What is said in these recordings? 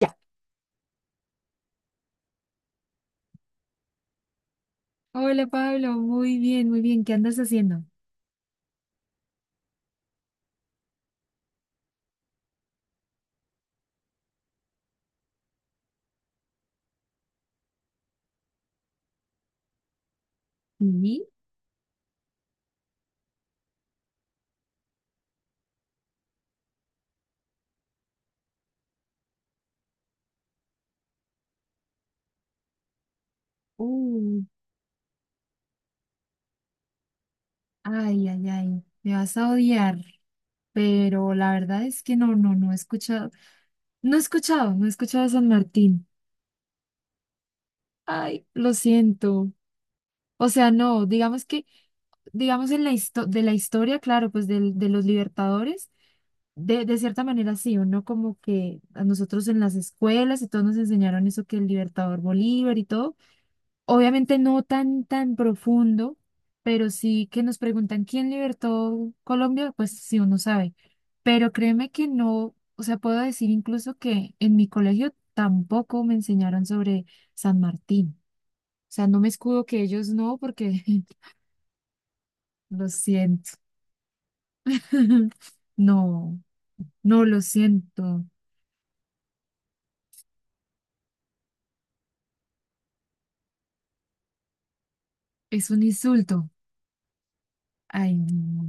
Ya. Hola Pablo, muy bien, muy bien. ¿Qué andas haciendo? Sí. Uh, Ay, ay, ay, me vas a odiar, pero la verdad es que no he escuchado, no he escuchado, no he escuchado a San Martín. Ay, lo siento. O sea, no, digamos digamos en la de la historia, claro, pues de los libertadores, de cierta manera sí, o no como que a nosotros en las escuelas y todos nos enseñaron eso que el libertador Bolívar y todo. Obviamente no tan, tan profundo, pero sí que nos preguntan quién libertó Colombia, pues sí uno sabe. Pero créeme que no, o sea, puedo decir incluso que en mi colegio tampoco me enseñaron sobre San Martín. O sea, no me escudo que ellos no, porque lo siento. No, no lo siento. Es un insulto. Ay, no.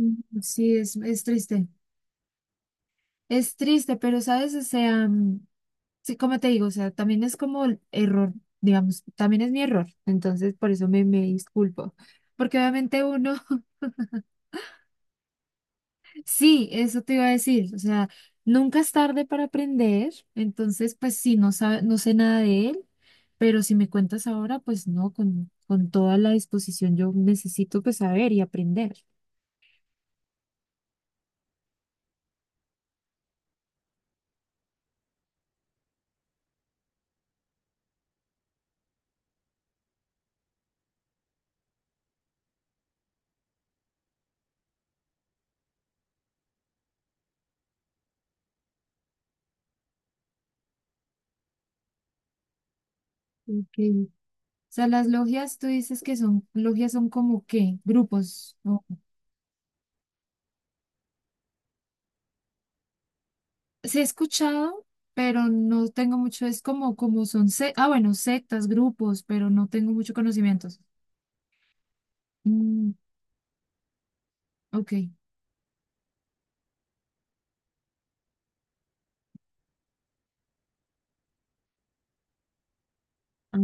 Mm, Sí, es triste. Es triste, pero sabes, o sea, Sí, como te digo, o sea, también es como el error, digamos, también es mi error, entonces por eso me, me disculpo, porque obviamente uno, sí, eso te iba a decir, o sea, nunca es tarde para aprender, entonces pues sí, no sabe, no sé nada de él, pero si me cuentas ahora, pues no, con toda la disposición yo necesito pues saber y aprender. Ok. O sea, las logias, tú dices que son, logias son como qué, grupos, ¿no? Sí he escuchado, pero no tengo mucho, es como, como son, ah, bueno, sectas, grupos, pero no tengo mucho conocimientos. Mm, ok. Ah,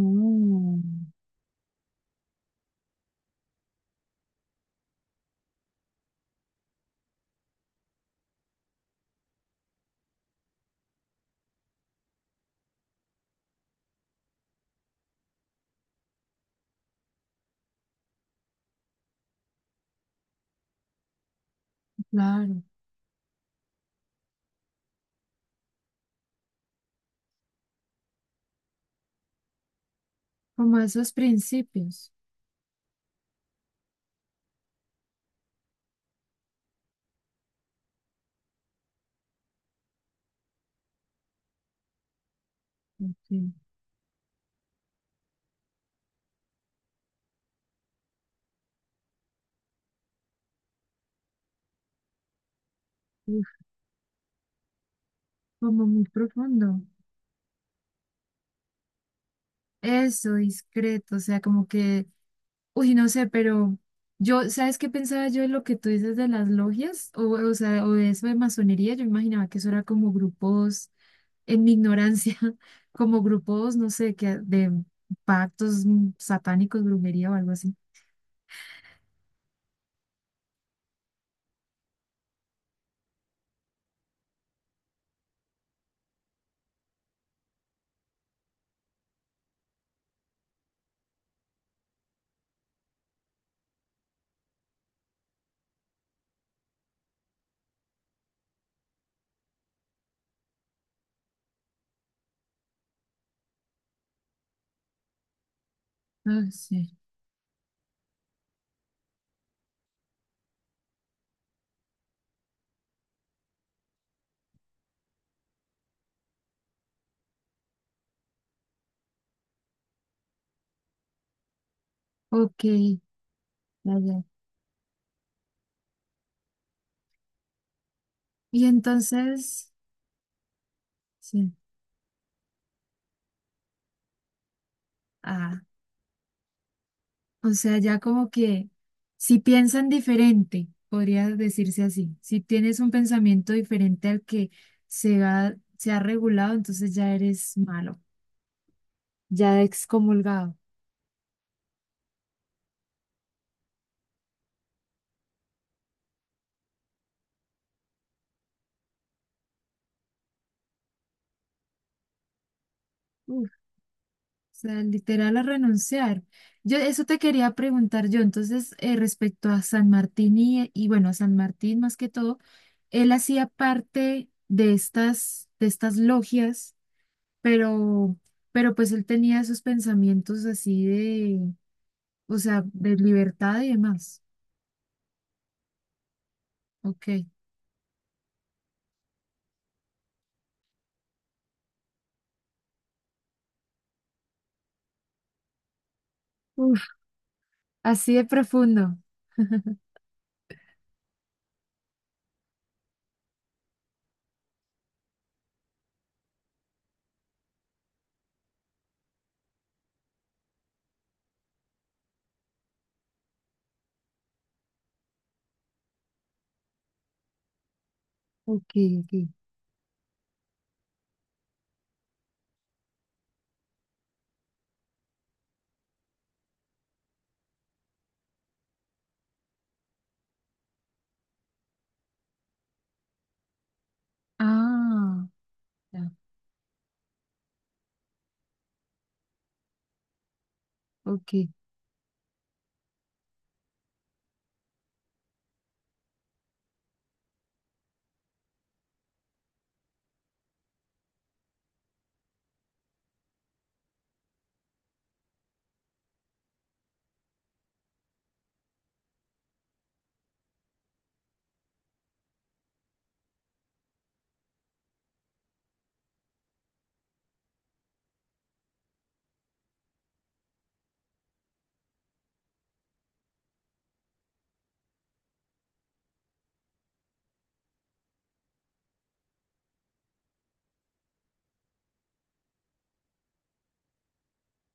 claro, como esos principios. Ok. Uf, como muy profundo. Eso, discreto, o sea, como que Uy, no sé, pero yo, ¿sabes qué pensaba yo de lo que tú dices de las logias? O sea, o de eso de masonería, yo imaginaba que eso era como grupos, en mi ignorancia, como grupos, no sé, que de pactos satánicos, brujería o algo así. Ah, sí. Ok, ya, ya. Y entonces, sí. Ah, o sea, ya como que si piensan diferente, podría decirse así. Si tienes un pensamiento diferente al que se ha regulado, entonces ya eres malo, ya excomulgado. Uf, o sea, literal a renunciar. Yo eso te quería preguntar yo, entonces, respecto a San Martín y bueno, a San Martín más que todo, él hacía parte de de estas logias, pero, pero pues él tenía esos pensamientos así. O sea, de libertad y demás. Ok. Uf, así de profundo. Ok, ok. Ah, ya, ok.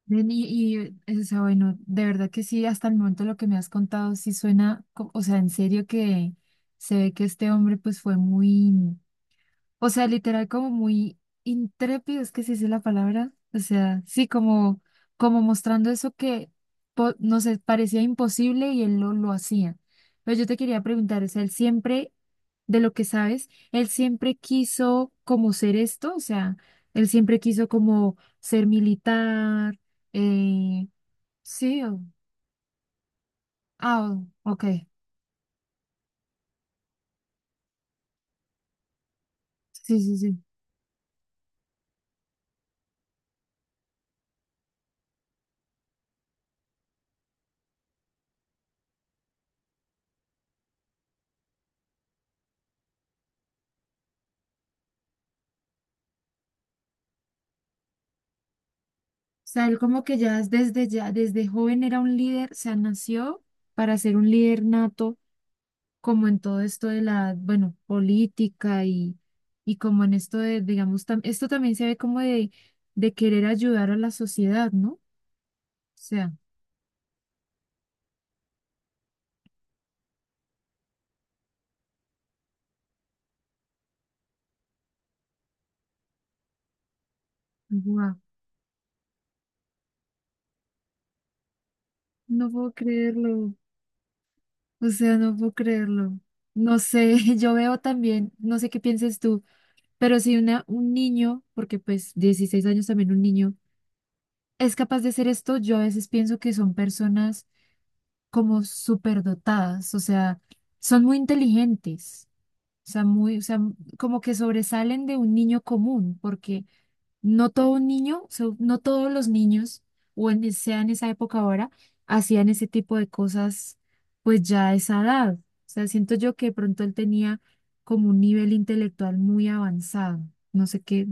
Ven, o sea, bueno, de verdad que sí, hasta el momento lo que me has contado sí suena, o sea, en serio que se ve que este hombre pues fue muy, O sea, literal como muy intrépido, es que se dice la palabra. O sea, sí, como, como mostrando eso que no sé, parecía imposible y él lo hacía. Pero yo te quería preguntar, o sea, él siempre, de lo que sabes, él siempre quiso como ser esto, o sea, él siempre quiso como ser militar, eh, sí, ah, ok, sí, sí, sí. Sea, él como que ya es desde ya, desde joven era un líder, o sea, nació para ser un líder nato, como en todo esto de la, bueno, política y como en esto de, digamos, esto también se ve como de querer ayudar a la sociedad, ¿no? O sea, wow, no puedo creerlo, o sea, no puedo creerlo. No sé, yo veo también, no sé qué pienses tú, pero si una, un niño, porque pues 16 años también un niño, es capaz de hacer esto, yo a veces pienso que son personas como superdotadas, o sea, son muy inteligentes, o sea, muy, o sea, como que sobresalen de un niño común, porque no todo niño, no todos los niños, o en, sea en esa época ahora, hacían ese tipo de cosas, pues ya a esa edad. O sea, siento yo que de pronto él tenía como un nivel intelectual muy avanzado, no sé qué,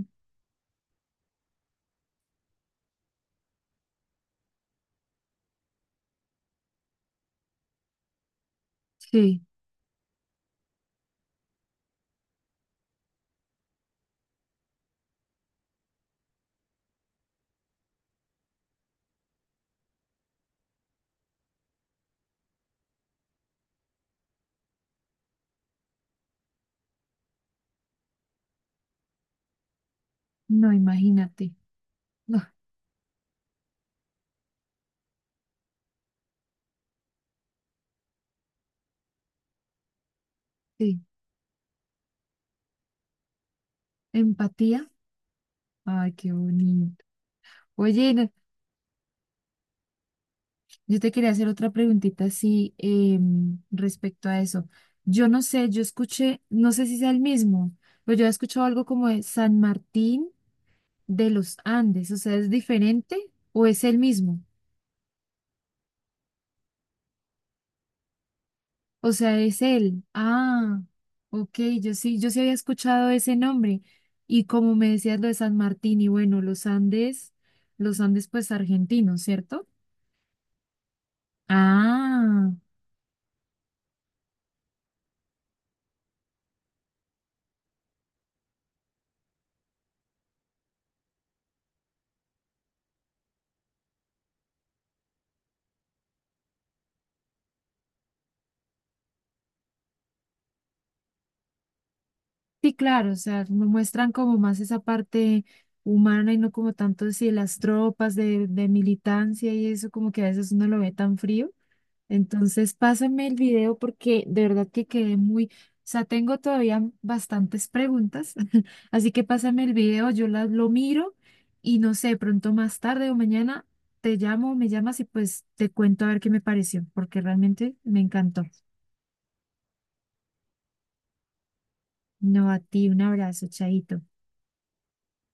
sí, no, imagínate, no, sí, empatía, ay, qué bonito. Oye, yo te quería hacer otra preguntita, así respecto a eso. Yo no sé, yo escuché, no sé si sea el mismo, pero yo he escuchado algo como de San Martín de los Andes, o sea, ¿es diferente o es el mismo? O sea, es él. Ah, ok, yo sí, yo sí había escuchado ese nombre. Y como me decías lo de San Martín, y bueno, los Andes pues argentinos, ¿cierto? Ah. Sí, claro, o sea, me muestran como más esa parte humana y no como tanto si las tropas de militancia y eso, como que a veces uno lo ve tan frío. Entonces, pásame el video porque de verdad que quedé muy, o sea, tengo todavía bastantes preguntas, así que pásame el video, yo las lo miro y no sé, pronto más tarde o mañana te llamo, me llamas y pues te cuento a ver qué me pareció, porque realmente me encantó. No, a ti, un abrazo, chaito.